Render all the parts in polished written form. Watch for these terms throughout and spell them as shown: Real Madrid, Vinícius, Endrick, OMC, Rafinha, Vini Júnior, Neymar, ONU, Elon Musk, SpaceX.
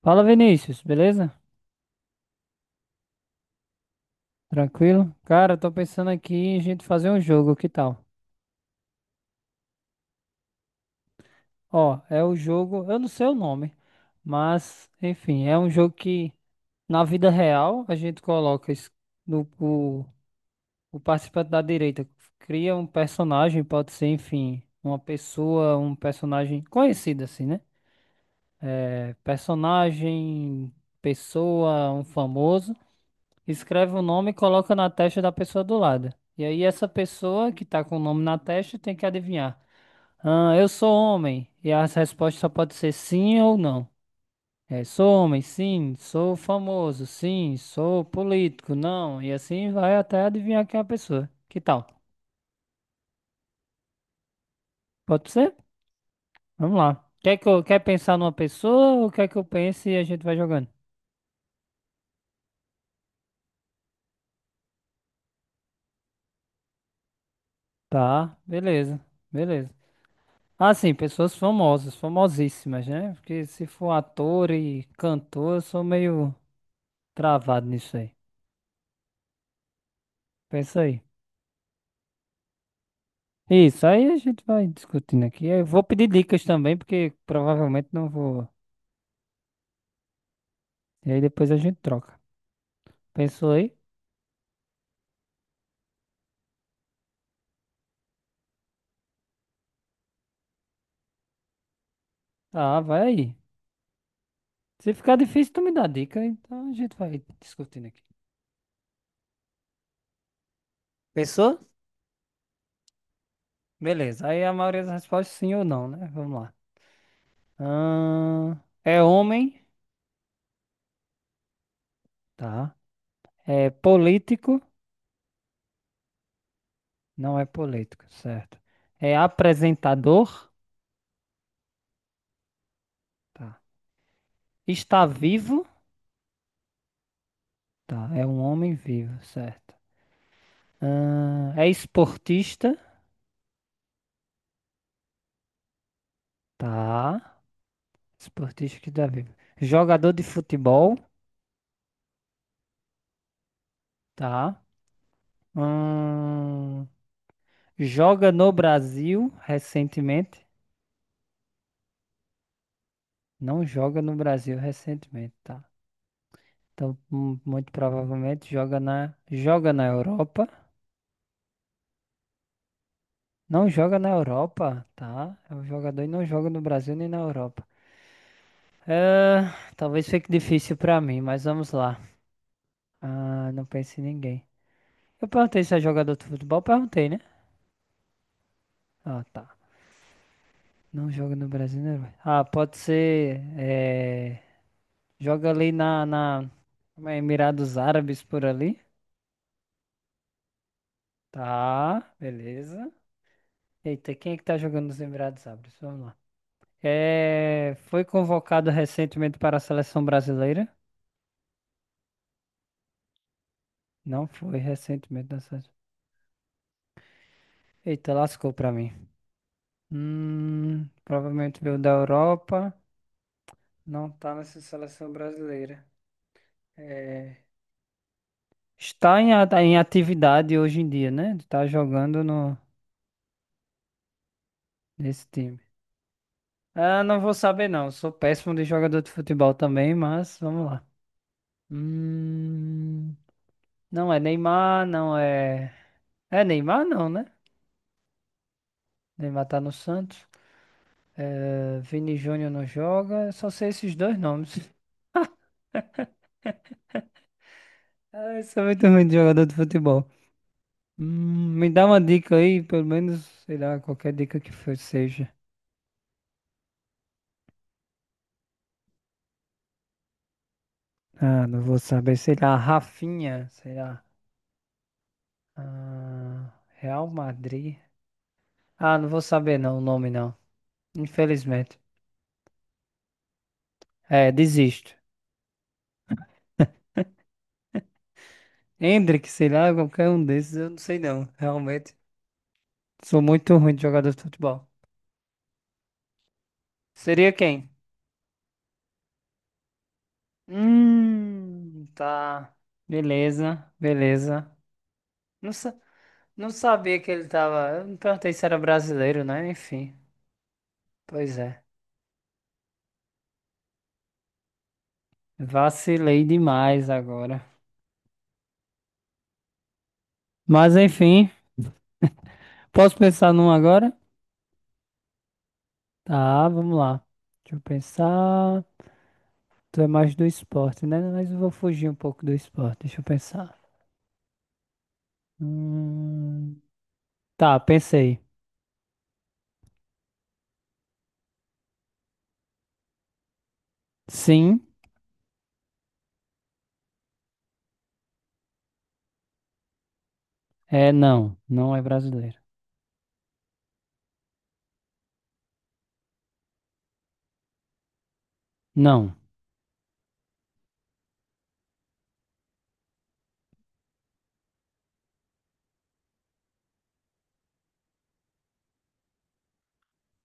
Fala Vinícius, beleza? Tranquilo? Cara, tô pensando aqui em a gente fazer um jogo, que tal? Ó, é o jogo, eu não sei o nome, mas enfim, é um jogo que na vida real a gente coloca es- no, o participante da direita cria um personagem, pode ser, enfim, uma pessoa, um personagem conhecido assim, né? É, personagem, pessoa, um famoso. Escreve o nome e coloca na testa da pessoa do lado. E aí essa pessoa que tá com o nome na testa tem que adivinhar. Ah, eu sou homem. E a resposta só pode ser sim ou não. É, sou homem, sim. Sou famoso, sim. Sou político, não. E assim vai até adivinhar quem é a pessoa. Que tal? Pode ser? Vamos lá. Quer que eu, quer pensar numa pessoa ou quer que eu pense e a gente vai jogando? Tá, beleza. Beleza. Assim, pessoas famosas, famosíssimas, né? Porque se for ator e cantor, eu sou meio travado nisso aí. Pensa aí. Isso, aí a gente vai discutindo aqui. Eu vou pedir dicas também, porque provavelmente não vou. E aí depois a gente troca. Pensou aí? Ah, vai aí. Se ficar difícil, tu me dá dica, então a gente vai discutindo aqui. Pensou? Beleza. Aí a maioria das respostas sim ou não, né? Vamos lá. Ahn, é homem, tá? É político. Não é político, certo. É apresentador? Tá. Está vivo? Tá. É um homem vivo, certo. É esportista? Tá. Esportista que está vivo. Jogador de futebol? Tá. Ahn, joga no Brasil recentemente? Não joga no Brasil recentemente, tá. Então, muito provavelmente joga na Europa. Não joga na Europa, tá? É um jogador e não joga no Brasil nem na Europa. Ah, talvez fique difícil pra mim, mas vamos lá. Ah, não pense em ninguém. Eu perguntei se é jogador de futebol, perguntei, né? Ah, tá. Não joga no Brasil, né? Velho? Ah, pode ser. Joga ali na, na como é, Emirados Árabes por ali. Tá, beleza. Eita, quem é que tá jogando nos Emirados Árabes? Vamos lá. É... Foi convocado recentemente para a seleção brasileira? Não foi recentemente na seleção. Eita, lascou pra mim. Provavelmente veio da Europa, não tá nessa seleção brasileira. É, está em, em atividade hoje em dia, né? Tá jogando no, nesse time. Ah, não vou saber não, sou péssimo de jogador de futebol também, mas vamos lá. Hum, não é Neymar, não é... É Neymar não, né? Neymar tá no Santos. É, Vini Júnior não joga, só sei esses dois nomes. Ah, eu sou muito ruim de jogador de futebol. Me dá uma dica aí, pelo menos, sei lá, qualquer dica que for, seja. Ah, não vou saber, sei lá, Rafinha, sei lá. Ah, Real Madrid. Ah, não vou saber não, o nome não. Infelizmente. É, desisto. Endrick, sei lá, qualquer um desses, eu não sei não, realmente. Sou muito ruim de jogador de futebol. Seria quem? Tá. Beleza, beleza. Não, não sabia que ele tava. Eu não perguntei se era brasileiro, né? Enfim, pois é. Vacilei demais agora. Mas enfim, posso pensar num agora? Tá, vamos lá. Deixa eu pensar. Tu é mais do esporte, né? Mas eu vou fugir um pouco do esporte. Deixa eu pensar. Hum, Tá, pensei. Sim, é não. Não é brasileiro. Não.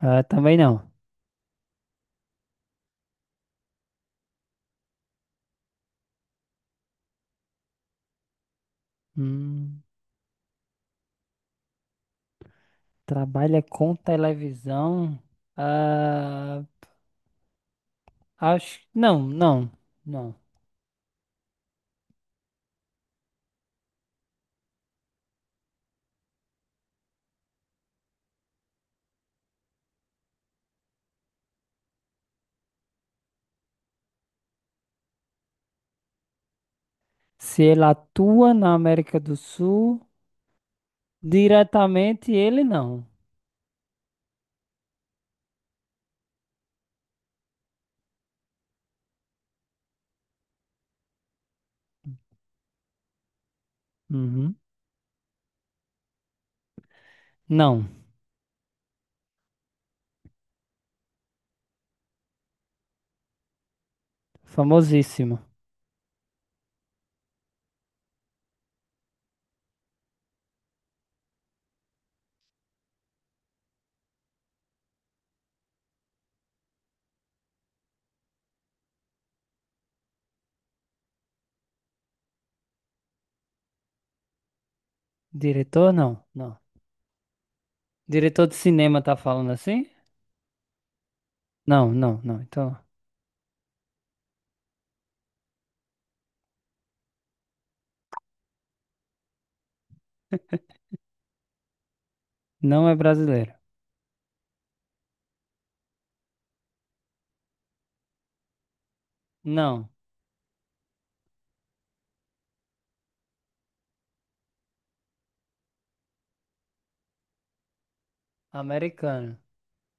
Ah, também não. Hum, trabalha com televisão? Ah, acho. Não, não. Se ele atua na América do Sul. Diretamente ele não. Uhum. Não. Famosíssimo. Diretor, não. Não. Diretor de cinema tá falando assim? Não. Então, não é brasileiro. Não. Americano.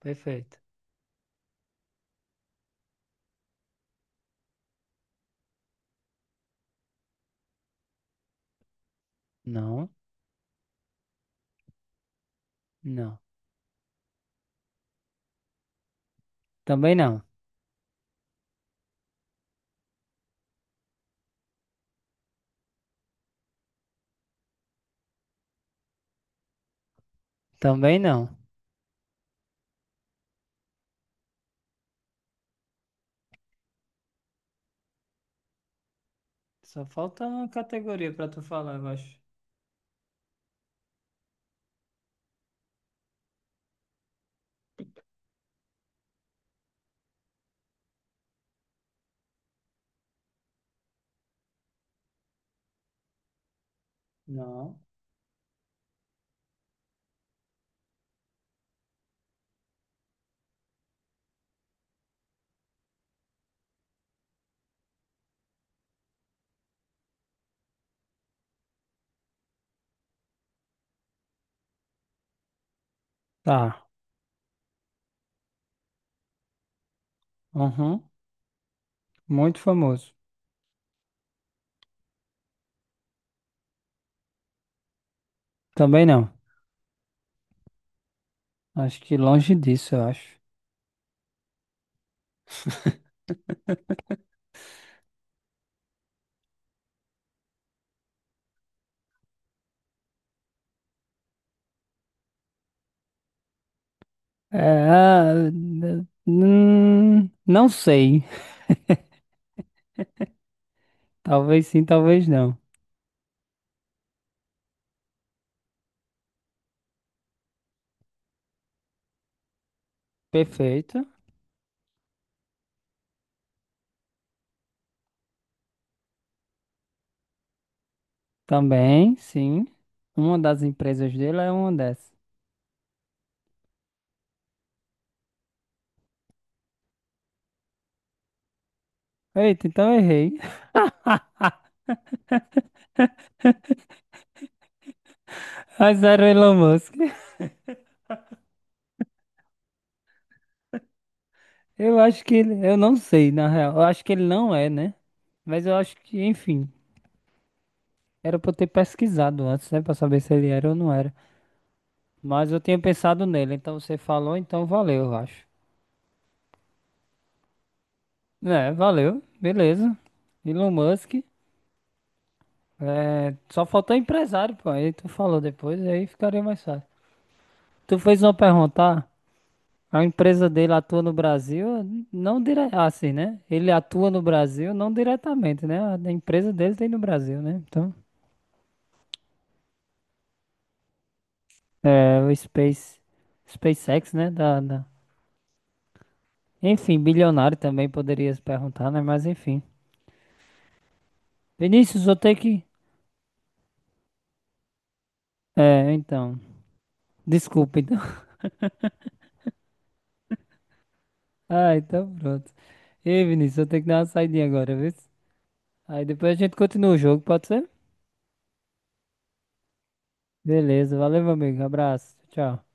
Perfeito. Não, não. Também não. Também não. Só falta uma categoria pra tu falar, eu acho. Não. Tá. Uhum. Muito famoso. Também não. Acho que longe disso, eu acho. É, não sei. Talvez sim, talvez não. Perfeito. Também, sim. Uma das empresas dele é uma dessas. Eita, então eu errei. Mas era o Elon Musk. Eu acho que ele. Eu não sei, na real. Eu acho que ele não é, né? Mas eu acho que, enfim. Era pra eu ter pesquisado antes, né? Pra saber se ele era ou não era. Mas eu tinha pensado nele. Então você falou, então valeu, eu acho. É, valeu. Beleza. Elon Musk. É, só faltou empresário, pô. Aí tu falou depois, aí ficaria mais fácil. Tu fez uma pergunta? A empresa dele atua no Brasil, não dire... ah, assim, né? Ele atua no Brasil, não diretamente, né? A empresa dele tem no Brasil, né? Então, é o Space, SpaceX, né? Enfim, bilionário também poderia se perguntar, né? Mas enfim. Vinícius, vou ter que. É, então. Desculpa, então. Ah, então pronto. Ei, Vinícius, eu tenho que dar uma saidinha agora, viu? Aí depois a gente continua o jogo, pode ser? Beleza, valeu, meu amigo. Abraço. Tchau.